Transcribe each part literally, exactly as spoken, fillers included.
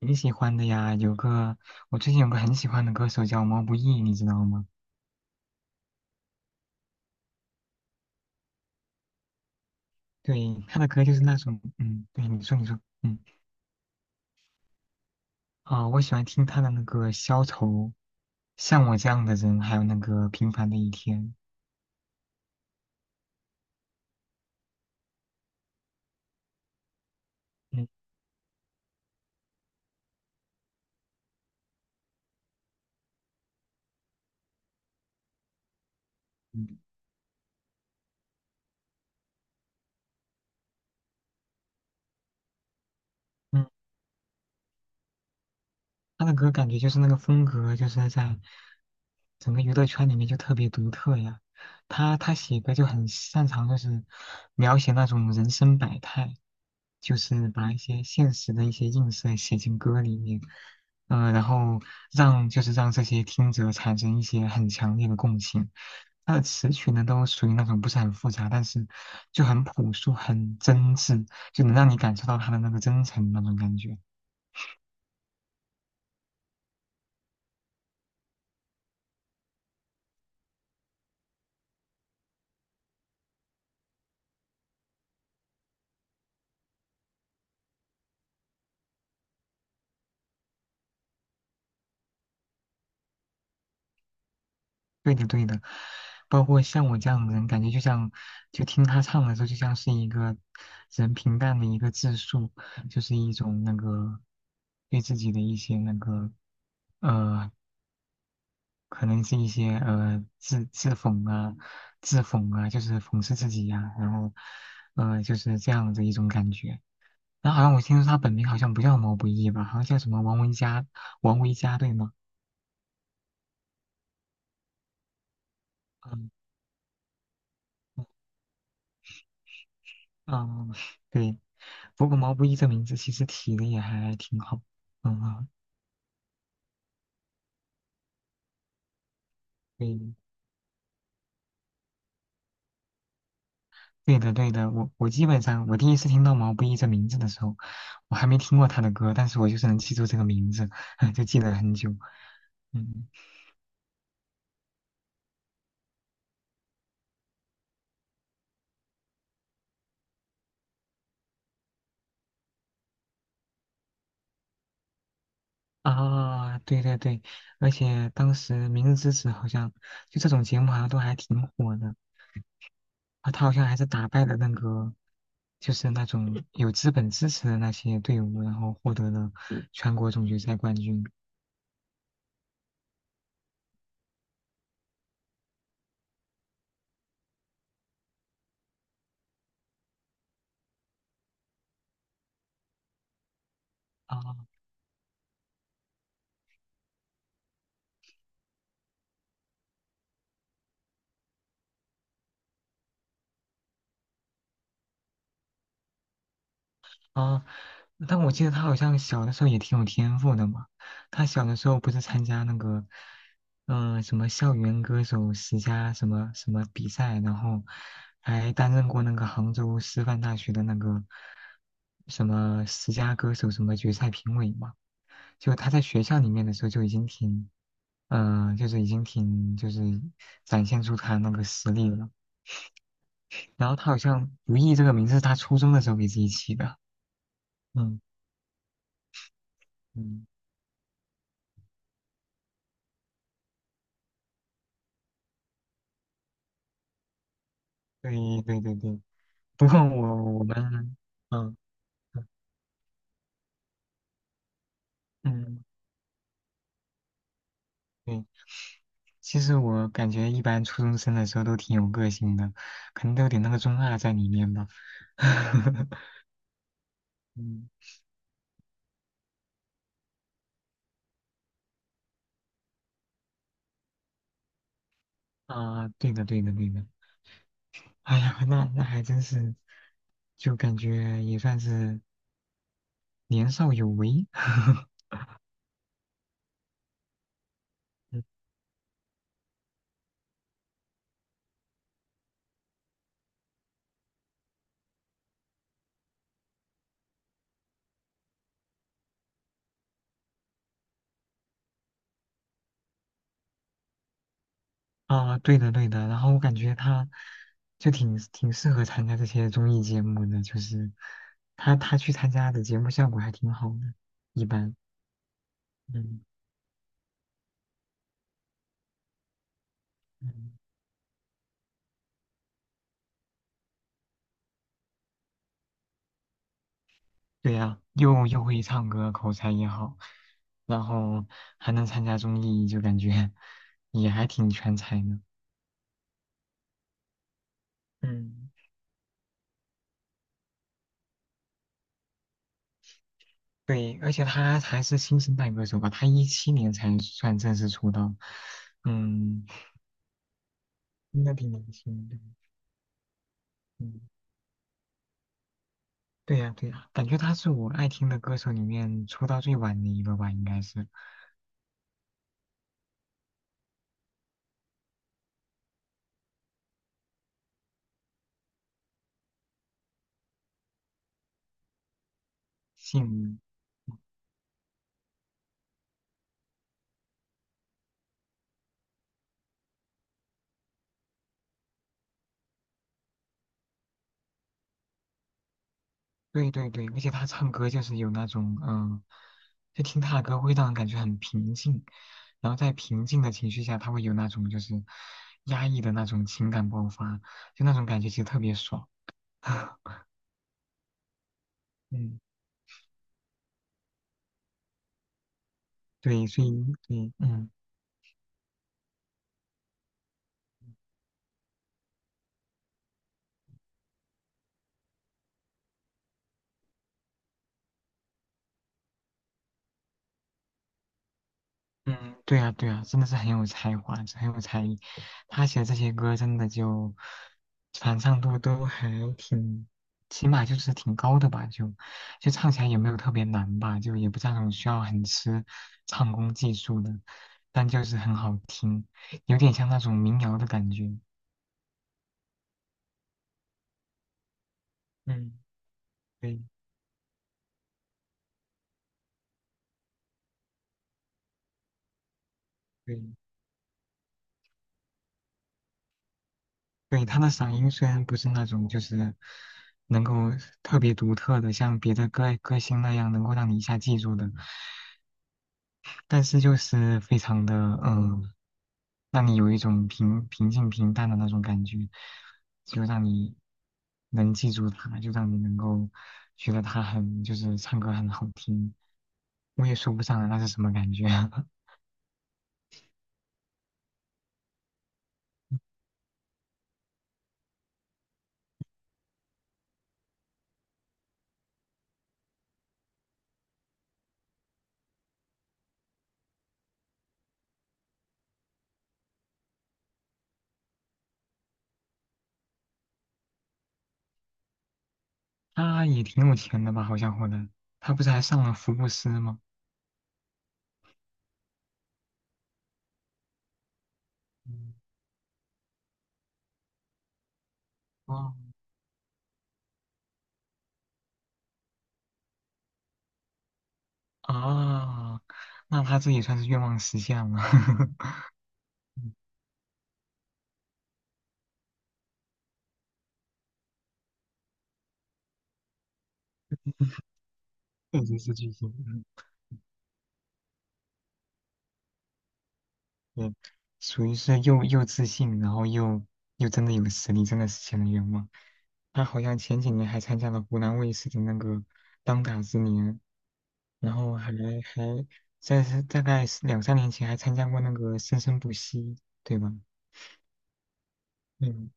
挺喜欢的呀，有个我最近有个很喜欢的歌手叫毛不易，你知道吗？对，他的歌就是那种，嗯，对，你说你说，嗯，啊、我喜欢听他的那个《消愁》，像我这样的人，还有那个《平凡的一天》。嗯嗯嗯。他的歌感觉就是那个风格，就是在整个娱乐圈里面就特别独特呀。他他写歌就很擅长，就是描写那种人生百态，就是把一些现实的一些映射写进歌里面。嗯、然后让就是让这些听者产生一些很强烈的共情。他的词曲呢，都属于那种不是很复杂，但是就很朴素、很真挚，就能让你感受到他的那个真诚那种感觉。对的，对的，包括像我这样的人，感觉就像，就听他唱的时候，就像是一个人平淡的一个自述，就是一种那个对自己的一些那个呃，可能是一些呃自自讽啊、自讽啊，就是讽刺自己呀、然后呃就是这样的一种感觉。然后好像我听说他本名好像不叫毛不易吧，好像叫什么王维佳，王维佳对吗？嗯。嗯，对。不过毛不易这名字其实起的也还挺好。嗯啊，对，对的，对的。我我基本上我第一次听到毛不易这名字的时候，我还没听过他的歌，但是我就是能记住这个名字，就记得很久。嗯啊，对对对，而且当时《明日之子》好像就这种节目好像都还挺火的啊，他好像还是打败了那个就是那种有资本支持的那些队伍，然后获得了全国总决赛冠军。啊。啊，但我记得他好像小的时候也挺有天赋的嘛。他小的时候不是参加那个，嗯、什么校园歌手十佳什么什么比赛，然后还担任过那个杭州师范大学的那个什么十佳歌手什么决赛评委嘛。就他在学校里面的时候就已经挺，嗯、就是已经挺就是展现出他那个实力了。然后他好像“如意”这个名字是他初中的时候给自己起的。嗯。嗯对对对对，不过我我们，嗯嗯，嗯对，其实我感觉一般初中生的时候都挺有个性的，可能都有点那个中二在里面吧。嗯啊，对的对的对的，哎呀，那那还真是，就感觉也算是年少有为。啊，对的对的，然后我感觉他就挺挺适合参加这些综艺节目的，就是他他去参加的节目效果还挺好的，一般，嗯嗯，对呀、又又会唱歌，口才也好，然后还能参加综艺，就感觉也还挺全才的，嗯，对，而且他还是新生代歌手吧，他一七年才算正式出道，嗯，应该挺年轻的，嗯。对呀，对呀，感觉他是我爱听的歌手里面出道最晚的一个吧，应该是姓，对对对，而且他唱歌就是有那种，嗯、就听他的歌会让人感觉很平静，然后在平静的情绪下，他会有那种就是压抑的那种情感爆发，就那种感觉其实特别爽。嗯，对，所以对，嗯。嗯，对呀，对呀，真的是很有才华，很有才艺。他写的这些歌真的就传唱度都还挺，起码就是挺高的吧，就就唱起来也没有特别难吧，就也不是那种需要很吃唱功技术的，但就是很好听，有点像那种民谣的感觉。嗯，对对对，他的嗓音虽然不是那种就是能够特别独特的，像别的歌歌星那样能够让你一下记住的。但是就是非常的嗯，让你有一种平平静平淡的那种感觉，就让你能记住他，就让你能够觉得他很就是唱歌很好听，我也说不上来那是什么感觉。他也挺有钱的吧，好像混的，他不是还上了福布斯吗？嗯哦啊，那他这也算是愿望实现了，确实是巨星。嗯，属于是又又自信，然后又又真的有实力，真的实现了愿望。他好像前几年还参加了湖南卫视的那个当打之年，然后还还在是大概是两三年前还参加过那个生生不息，对吧？嗯，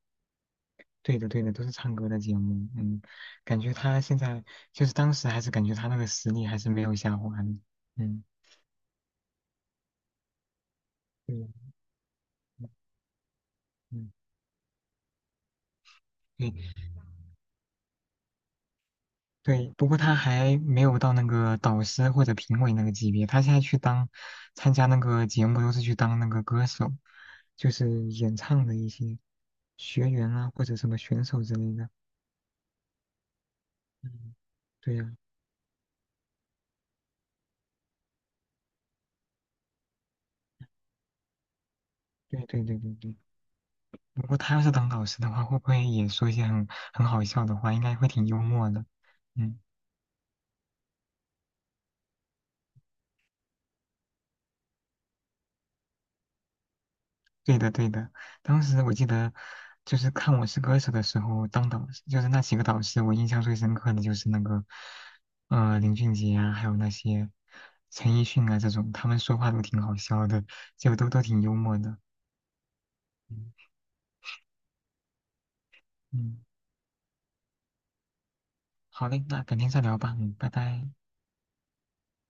对的对的，都是唱歌的节目。嗯，感觉他现在就是当时还是感觉他那个实力还是没有下滑的。嗯，对，嗯，嗯嗯。对，不过他还没有到那个导师或者评委那个级别，他现在去当参加那个节目都是去当那个歌手，就是演唱的一些学员啊或者什么选手之类的。嗯，对呀、对对对对对。不过他要是当导师的话，会不会也说一些很很好笑的话？应该会挺幽默的。嗯。对的，对的。当时我记得，就是看《我是歌手》的时候，当导师就是那几个导师，我印象最深刻的就是那个，呃，林俊杰啊，还有那些陈奕迅啊这种，他们说话都挺好笑的，就都都挺幽默的。嗯嗯，好嘞，那改天再聊吧，嗯，拜拜。